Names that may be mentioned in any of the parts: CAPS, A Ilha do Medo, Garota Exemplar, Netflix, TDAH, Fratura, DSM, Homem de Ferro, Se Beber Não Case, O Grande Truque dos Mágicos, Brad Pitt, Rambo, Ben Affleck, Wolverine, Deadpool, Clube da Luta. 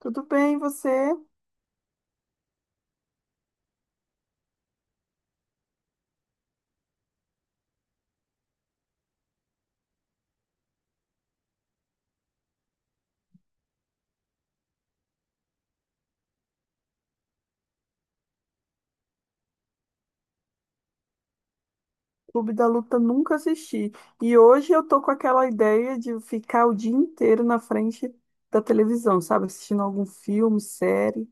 Tudo bem, e você? Clube da Luta nunca assisti. E hoje eu tô com aquela ideia de ficar o dia inteiro na frente da televisão, sabe? Assistindo algum filme, série.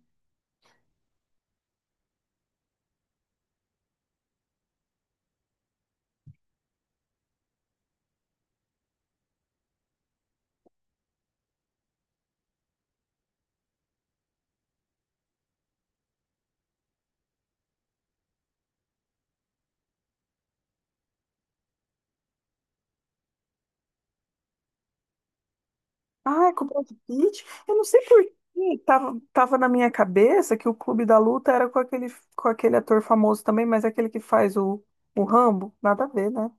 Ah, é com Brad Pitt. Eu não sei por que tava na minha cabeça que o Clube da Luta era com aquele, ator famoso também, mas é aquele que faz o Rambo. Nada a ver, né?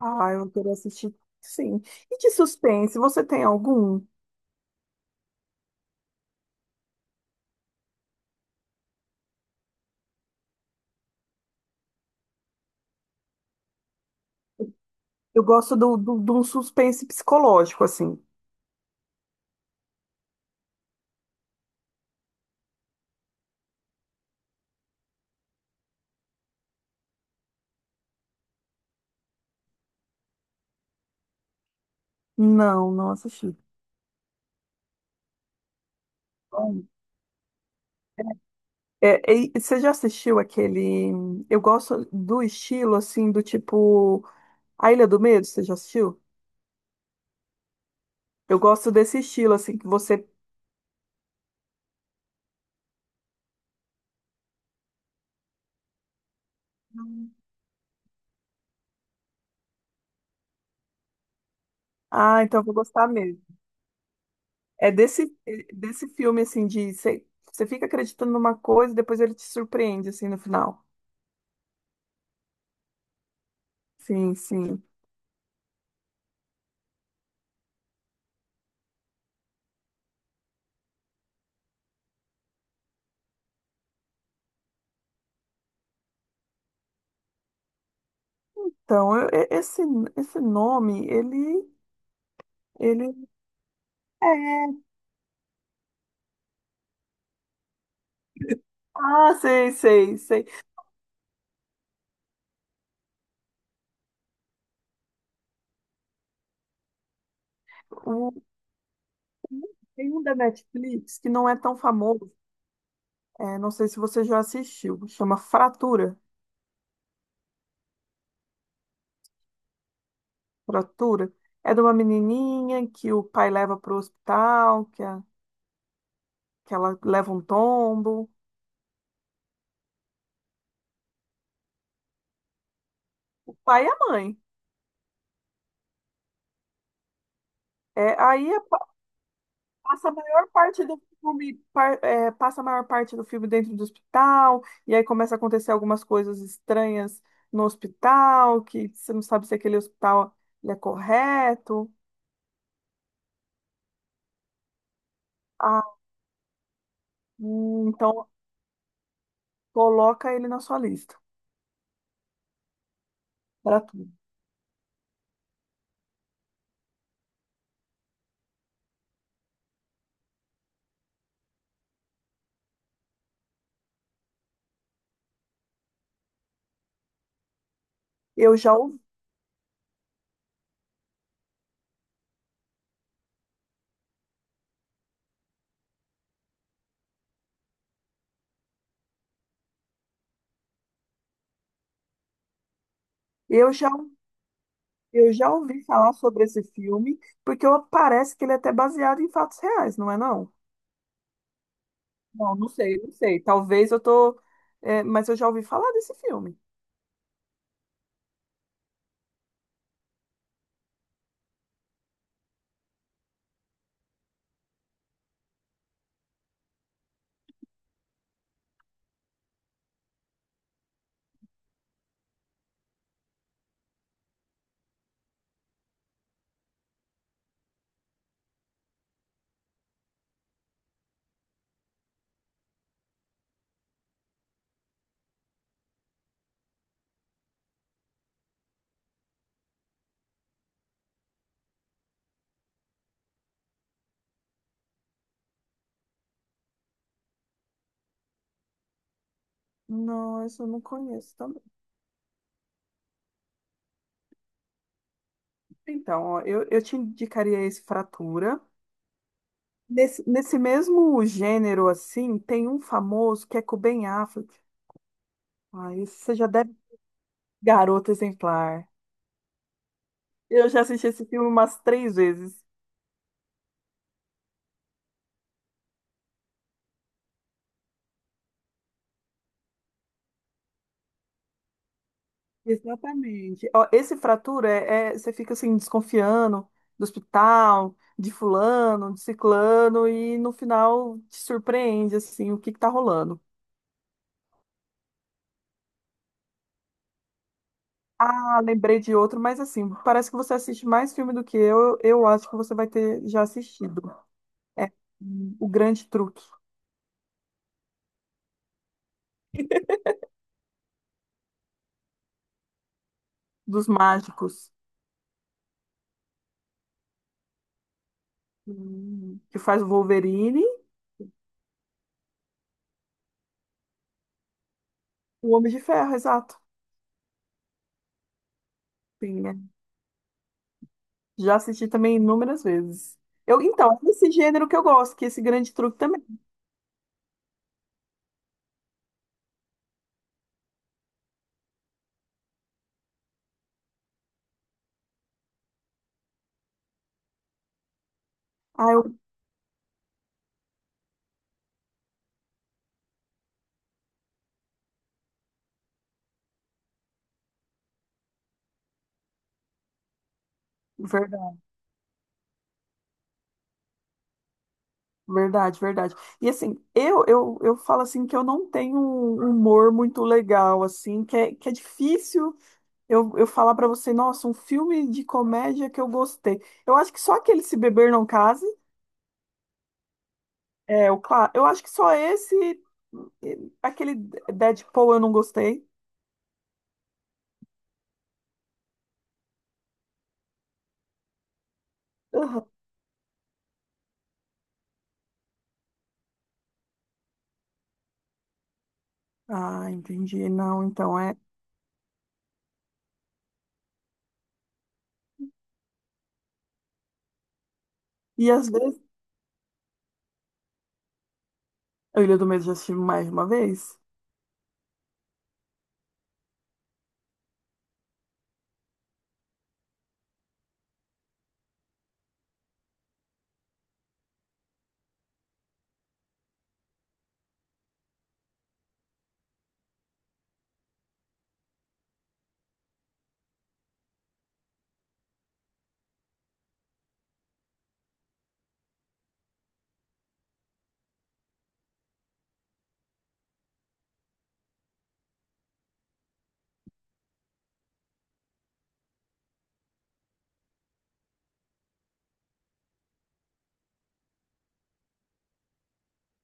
Ah, eu queria assistir, sim. E de suspense, você tem algum? Eu gosto de um suspense psicológico, assim. Não, não assisti. Bom, e você já assistiu aquele. Eu gosto do estilo, assim, do tipo. A Ilha do Medo, você já assistiu? Eu gosto desse estilo, assim, que você. Não. Ah, então eu vou gostar mesmo. É desse filme, assim, de. Você fica acreditando numa coisa e depois ele te surpreende, assim, no final. Sim, sim. Então, esse nome, ele. Ele. É. Ah, sei, sei, sei. O- Tem um da Netflix que não é tão famoso. É, não sei se você já assistiu, chama Fratura. Fratura. É de uma menininha que o pai leva para o hospital, que, que ela leva um tombo. O pai e a mãe. É, aí passa a maior parte do filme, passa a maior parte do filme dentro do hospital, e aí começa a acontecer algumas coisas estranhas no hospital, que você não sabe se aquele hospital ele é correto. Ah, então coloca ele na sua lista. Fratura. Eu já ouvi. Eu já Eu já ouvi falar sobre esse filme, porque parece que ele é até baseado em fatos reais, não é não? Não, não sei, não sei. Talvez eu tô, mas eu já ouvi falar desse filme. Não, esse eu não conheço também. Então, ó, eu te indicaria esse Fratura. Nesse mesmo gênero, assim, tem um famoso que é com o Ben Affleck. Ah, esse você já deve... Garota Exemplar. Eu já assisti esse filme umas três vezes. Exatamente. Ó, esse fratura você fica assim desconfiando do hospital, de fulano, de ciclano e no final te surpreende assim o que que tá rolando. Ah, lembrei de outro, mas assim, parece que você assiste mais filme do que eu. Eu acho que você vai ter já assistido. É O Grande Truque dos Mágicos, que faz o Wolverine, o Homem de Ferro, exato. Sim, né? Já assisti também inúmeras vezes. Eu, então, é esse gênero que eu gosto, que é esse grande truque também. Ah, eu... Verdade, verdade, verdade. E assim, eu falo assim que eu não tenho um humor muito legal, assim, que é difícil eu falar pra você, nossa, um filme de comédia que eu gostei. Eu acho que só aquele Se Beber Não Case, é, o claro, eu acho que só esse, aquele Deadpool eu não gostei. Aham. Ah, entendi. Não, então é. E às vezes, a Ilha do Medo eu já assisti mais de uma vez.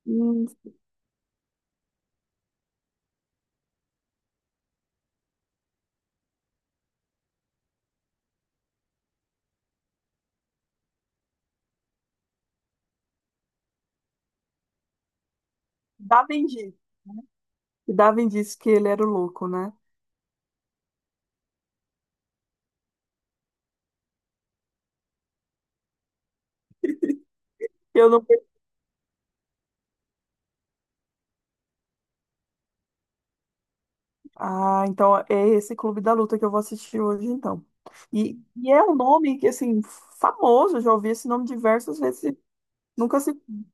Hum, dava indício, E dava indício que ele era o louco, né? Eu não. Ah, então é esse Clube da Luta que eu vou assistir hoje, então. E é um nome que, assim, famoso, eu já ouvi esse nome diversas vezes. E Nunca se.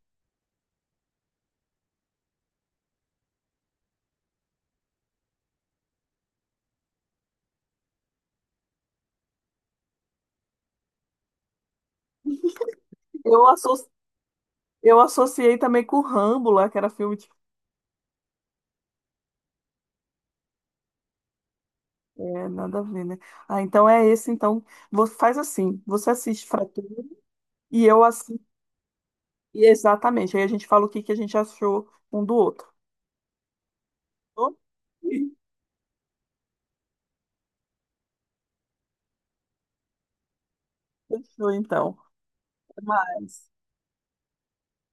Eu, asso... eu associei também com o Rambo lá, que era filme de. É, nada a ver, né? Ah, então é esse, então. Você faz assim, você assiste Fratura e eu assisto. Exatamente. Aí a gente fala o que que a gente achou um do outro. Ok, fechou então. Até mais.